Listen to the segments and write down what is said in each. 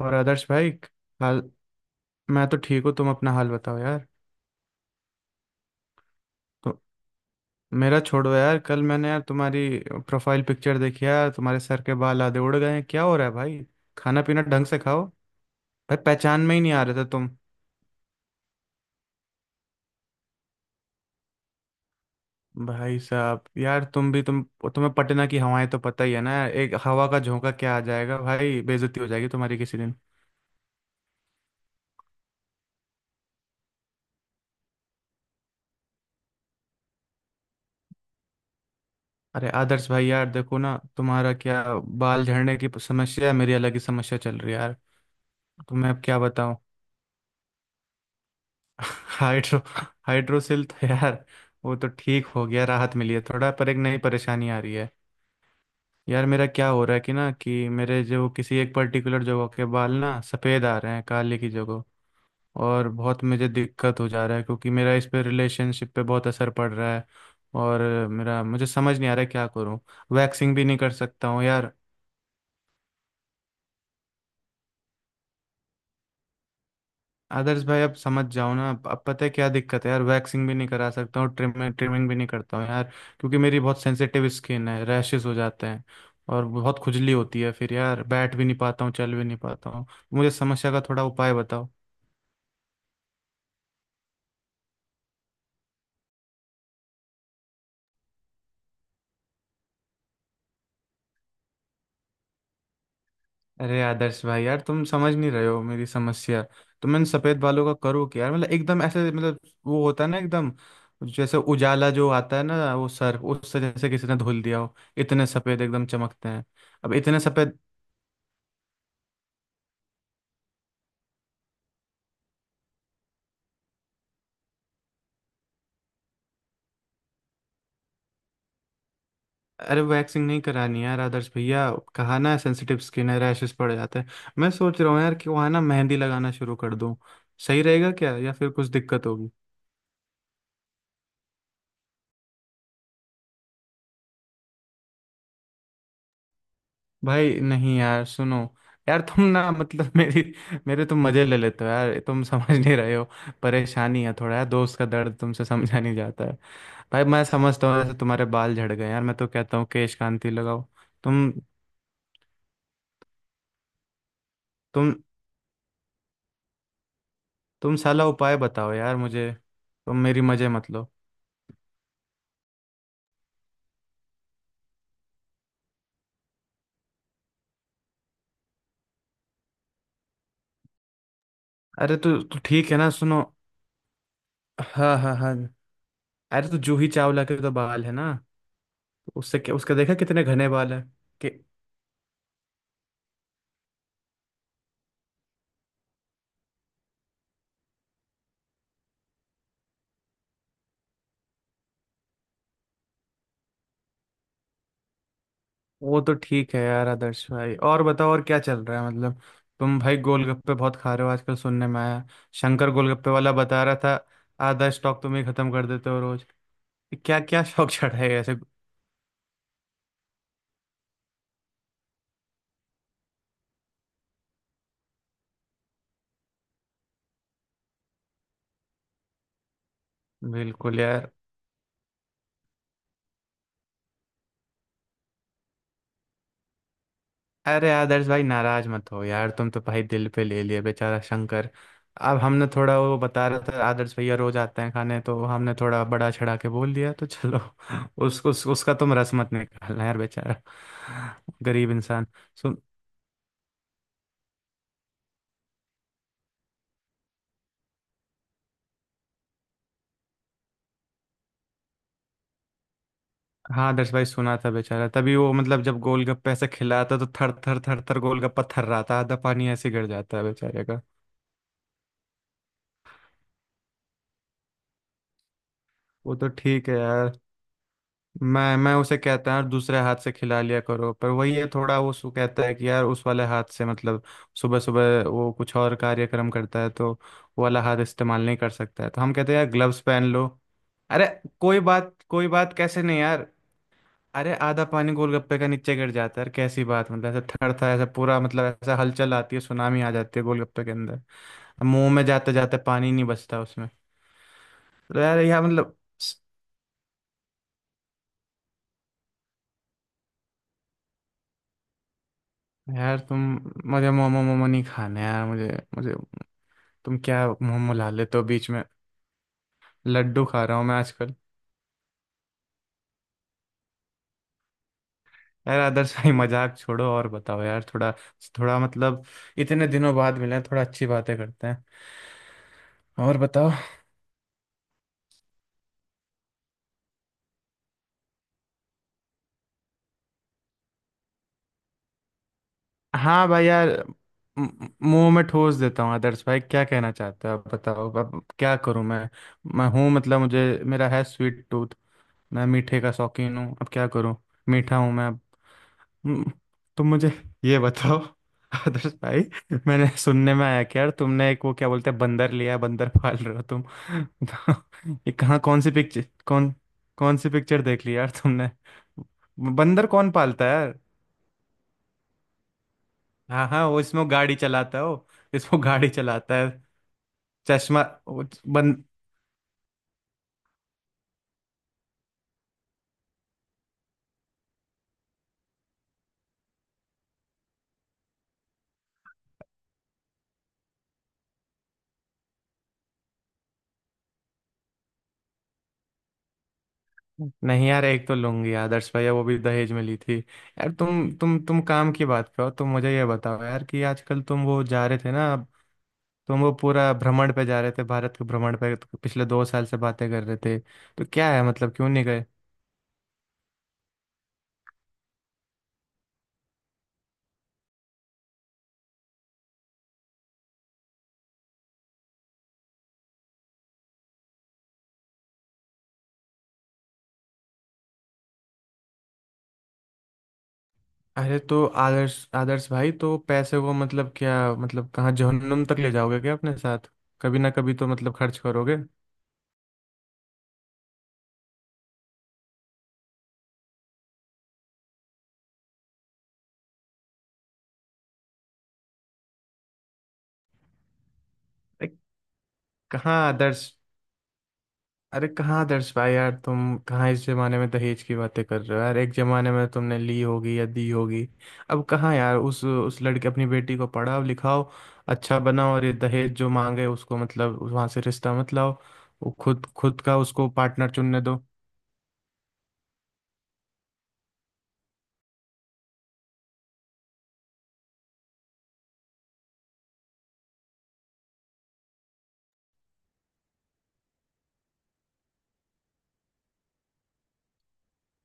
और आदर्श भाई। हाल। मैं तो ठीक हूँ, तुम अपना हाल बताओ यार। तो मेरा छोड़ो यार, कल मैंने यार तुम्हारी प्रोफाइल पिक्चर देखी यार, तुम्हारे सर के बाल आधे उड़ गए हैं, क्या हो रहा है भाई। खाना पीना ढंग से खाओ। भाई पहचान में ही नहीं आ रहे थे तुम। भाई साहब यार, तुम भी तुम तुम्हें पटना की हवाएं तो पता ही है ना यार, एक हवा का झोंका क्या आ जाएगा भाई, बेइज्जती हो जाएगी तुम्हारी किसी दिन। अरे आदर्श भाई यार, देखो ना, तुम्हारा क्या बाल झड़ने की समस्या है, मेरी अलग ही समस्या चल रही है यार। तो मैं अब क्या बताऊं। हाइड्रो हाइड्रोसिल तो यार वो तो ठीक हो गया, राहत मिली है थोड़ा, पर एक नई परेशानी आ रही है। यार मेरा क्या हो रहा है कि ना कि मेरे जो किसी एक पर्टिकुलर जगह के बाल ना सफ़ेद आ रहे हैं काले की जगह, और बहुत मुझे दिक्कत हो जा रहा है क्योंकि मेरा इस पे रिलेशनशिप पे बहुत असर पड़ रहा है। और मेरा मुझे समझ नहीं आ रहा है क्या करूं। वैक्सिंग भी नहीं कर सकता हूँ यार। आदर्श भाई अब समझ जाओ ना। अब पता है क्या दिक्कत है यार, वैक्सिंग भी नहीं करा सकता हूँ, ट्रिमिंग ट्रिमिंग भी नहीं करता हूँ यार, क्योंकि मेरी बहुत सेंसिटिव स्किन है, रैशेस हो जाते हैं और बहुत खुजली होती है, फिर यार बैठ भी नहीं पाता हूँ चल भी नहीं पाता हूँ। मुझे समस्या का थोड़ा उपाय बताओ। अरे आदर्श भाई यार, तुम समझ नहीं रहे हो मेरी समस्या। तो मैंने सफेद बालों का करूँ क्या यार, मतलब एकदम ऐसे, मतलब वो होता है ना एकदम, जैसे उजाला जो आता है ना वो, सर उससे जैसे किसी ने धुल दिया हो, इतने सफेद एकदम चमकते हैं। अब इतने सफेद। अरे वैक्सिंग नहीं करानी यार आदर्श भैया, कहा ना सेंसिटिव स्किन है, रैशेस पड़ जाते हैं। मैं सोच रहा हूँ यार कि वहाँ ना मेहंदी लगाना शुरू कर दूँ, सही रहेगा क्या या फिर कुछ दिक्कत होगी। भाई नहीं यार, सुनो, यार तुम ना, मतलब मेरी, मेरे तुम मजे ले लेते हो यार, तुम समझ नहीं रहे हो। परेशानी है थोड़ा यार, दोस्त का दर्द तुमसे समझा नहीं जाता है। भाई मैं समझता हूँ, जैसे तुम्हारे बाल झड़ गए यार, मैं तो कहता हूँ केश कांति लगाओ। तुम तुम तुम साला उपाय बताओ यार मुझे, तुम मेरी मजे मत लो। अरे तो ठीक है ना, सुनो। हाँ हाँ हाँ। अरे तो जूही चावला के तो बाल है ना, उससे क्या, उसका देखा कितने घने बाल है कि वो। तो ठीक है यार आदर्श भाई, और बताओ, और क्या चल रहा है मतलब। तुम भाई गोलगप्पे बहुत खा रहे हो आजकल सुनने में आया, शंकर गोलगप्पे वाला बता रहा था आधा स्टॉक तुम ही खत्म कर देते हो रोज। क्या क्या शौक चढ़ा है ऐसे। बिल्कुल यार। अरे आदर्श भाई नाराज मत हो यार, तुम तो भाई दिल पे ले लिए, बेचारा शंकर। अब हमने थोड़ा वो, बता रहा था आदर्श भैया रोज आते हैं खाने, तो हमने थोड़ा बड़ा चढ़ा के बोल दिया, तो चलो उसको, उसका तुम रस मत निकालना यार, बेचारा गरीब इंसान। सुन। हाँ आदर्श भाई, सुना था बेचारा, तभी वो मतलब जब गोलगप्पे ऐसे खिलाता तो थर थर थर थर गोलगप्पा थर्राता, आधा पानी ऐसे गिर जाता है बेचारे का। वो तो ठीक है यार, मैं उसे कहता हूँ दूसरे हाथ से खिला लिया करो, पर वही है थोड़ा वो सु कहता है कि यार उस वाले हाथ से मतलब सुबह सुबह वो कुछ और कार्यक्रम करता है, तो वो वाला हाथ इस्तेमाल नहीं कर सकता है, तो हम कहते हैं यार ग्लव्स पहन लो। अरे कोई बात कैसे नहीं यार। अरे आधा पानी गोलगप्पे का नीचे गिर जाता है यार, कैसी बात, मतलब ऐसा थरथा, ऐसा पूरा, मतलब ऐसा हलचल आती है, सुनामी आ जाती है गोलगप्पे के अंदर। अब मुंह में जाते जाते पानी नहीं बचता उसमें। तो यार यार मतलब, यार तुम। मुझे मोमो मोमो नहीं खाने यार, मुझे मुझे तुम क्या मुंह मुला लेते हो बीच में। लड्डू खा रहा हूँ मैं आजकल। यार आदर्श भाई मजाक छोड़ो और बताओ यार थोड़ा, थोड़ा मतलब, इतने दिनों बाद मिले हैं, थोड़ा अच्छी बातें करते हैं और बताओ। हाँ भाई यार, मुंह में ठोस देता हूँ आदर्श भाई, क्या कहना चाहते हो आप बताओ, अब क्या करूँ मैं हूँ मतलब, मुझे मेरा है स्वीट टूथ, मैं मीठे का शौकीन हूँ, अब क्या करूँ, मीठा हूँ मैं। हम्म। तुम मुझे ये बताओ आदर्श भाई, मैंने सुनने में आया कि यार तुमने एक वो क्या बोलते हैं बंदर लिया है, बंदर पाल रहे हो तुम तो ये कहाँ कौन सी पिक्चर देख ली यार तुमने, बंदर कौन पालता है यार। हाँ हाँ वो इसमें वो गाड़ी चलाता है, चश्मा, वो बं, नहीं यार, एक तो लूंगी आदर्श भैया वो भी दहेज में ली थी यार। तुम काम की बात करो, तुम मुझे ये बताओ यार कि आजकल तुम वो जा रहे थे ना, तुम वो पूरा भ्रमण पे जा रहे थे, भारत के भ्रमण पे तो पिछले 2 साल से बातें कर रहे थे, तो क्या है मतलब क्यों नहीं गए। अरे तो आदर्श आदर्श भाई, तो पैसे को मतलब क्या, मतलब कहाँ जहन्नुम तक ले जाओगे क्या अपने साथ, कभी ना कभी तो मतलब खर्च करोगे। अरे कहाँ आदर्श अरे कहाँ दर्श भाई यार, तुम कहाँ इस जमाने में दहेज की बातें कर रहे हो यार, एक जमाने में तुमने ली होगी या दी होगी, अब कहाँ यार। उस लड़के, अपनी बेटी को पढ़ाओ लिखाओ अच्छा बनाओ, और ये दहेज जो मांगे उसको मतलब वहां से रिश्ता मत लाओ, वो खुद खुद का उसको पार्टनर चुनने दो।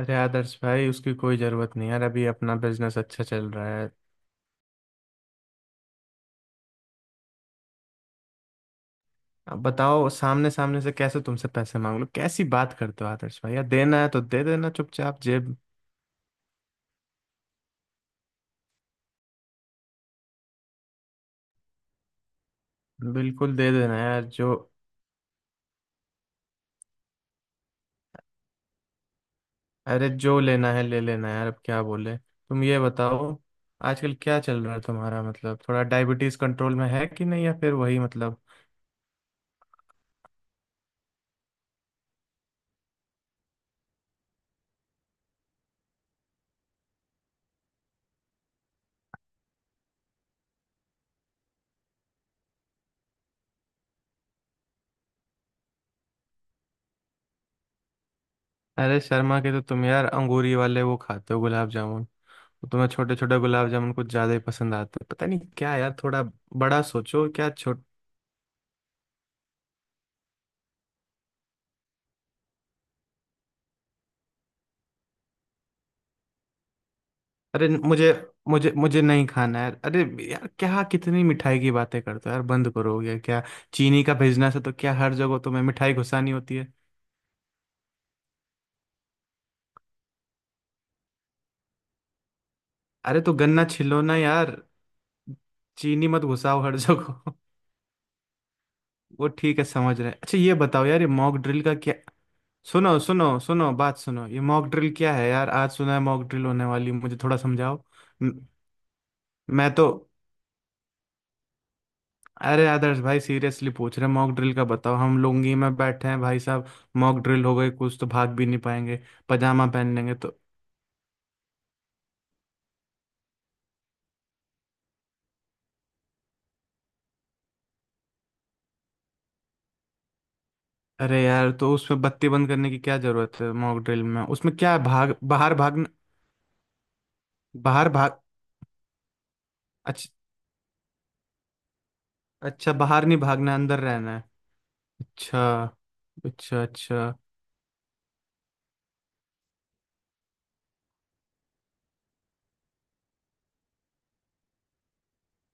अरे आदर्श भाई उसकी कोई जरूरत नहीं यार, अभी अपना बिजनेस अच्छा चल रहा है। अब बताओ, सामने सामने से कैसे तुमसे पैसे मांग लो, कैसी बात करते हो आदर्श भाई यार, देना है तो दे देना चुपचाप जेब। बिल्कुल दे देना यार जो। अरे जो लेना है ले लेना यार, अब क्या बोले तुम, ये बताओ आजकल क्या चल रहा है तुम्हारा, मतलब थोड़ा डायबिटीज कंट्रोल में है कि नहीं या फिर वही मतलब। अरे शर्मा के तो तुम यार अंगूरी वाले वो खाते हो गुलाब जामुन, तो तुम्हें छोटे छोटे गुलाब जामुन कुछ ज्यादा ही पसंद आते हैं, पता नहीं क्या यार, थोड़ा बड़ा सोचो, क्या छोट। अरे मुझे मुझे मुझे नहीं खाना है यार, अरे यार क्या कितनी मिठाई की बातें करते हो यार, बंद करो ये क्या, चीनी का बिजनेस है तो क्या हर जगह तुम्हें मिठाई घुसानी होती है। अरे तो गन्ना छिलो ना यार, चीनी मत घुसाओ हर जगह। वो ठीक है, समझ रहे हैं। अच्छा ये बताओ यार, ये मॉक ड्रिल का क्या। सुनो सुनो सुनो, बात सुनो, ये मॉक ड्रिल क्या है यार, आज सुना है मॉक ड्रिल होने वाली, मुझे थोड़ा समझाओ। म- मैं तो। अरे आदर्श भाई सीरियसली पूछ रहे हैं, मॉक ड्रिल का बताओ, हम लुंगी में बैठे हैं भाई साहब, मॉक ड्रिल हो गई कुछ तो भाग भी नहीं पाएंगे, पजामा पहन लेंगे तो। अरे यार तो उसमें बत्ती बंद करने की क्या जरूरत है मॉक ड्रिल में, उसमें क्या है भाग बाहर भागना, बाहर भाग। अच्छा अच्छा, बाहर नहीं भागना, अंदर रहना है। अच्छा। अच्छा। अच्छा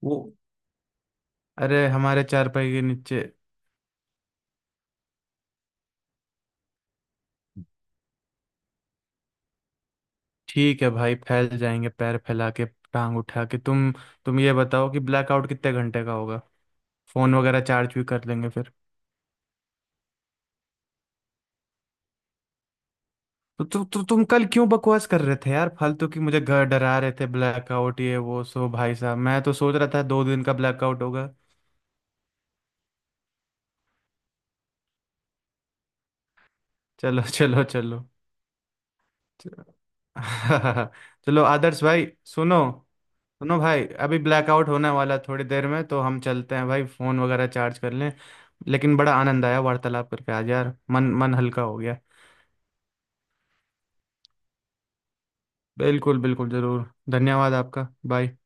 वो अरे हमारे चारपाई के नीचे। ठीक है भाई फैल जाएंगे पैर फैला के, टांग उठा के। तुम ये बताओ कि ब्लैकआउट कितने घंटे का होगा, फोन वगैरह चार्ज भी कर लेंगे फिर। तो तुम कल क्यों बकवास कर रहे थे यार, फालतू की मुझे घर डरा रहे थे ब्लैकआउट ये वो सो, भाई साहब मैं तो सोच रहा था 2 दिन का ब्लैकआउट होगा। चलो चलो चलो। चलो आदर्श भाई, सुनो, सुनो भाई, अभी ब्लैकआउट होने वाला है थोड़ी देर में, तो हम चलते हैं भाई, फोन वगैरह चार्ज कर लें। लेकिन बड़ा आनंद आया वार्तालाप करके आज यार, मन मन हल्का हो गया। बिल्कुल बिल्कुल जरूर, धन्यवाद आपका। बाय।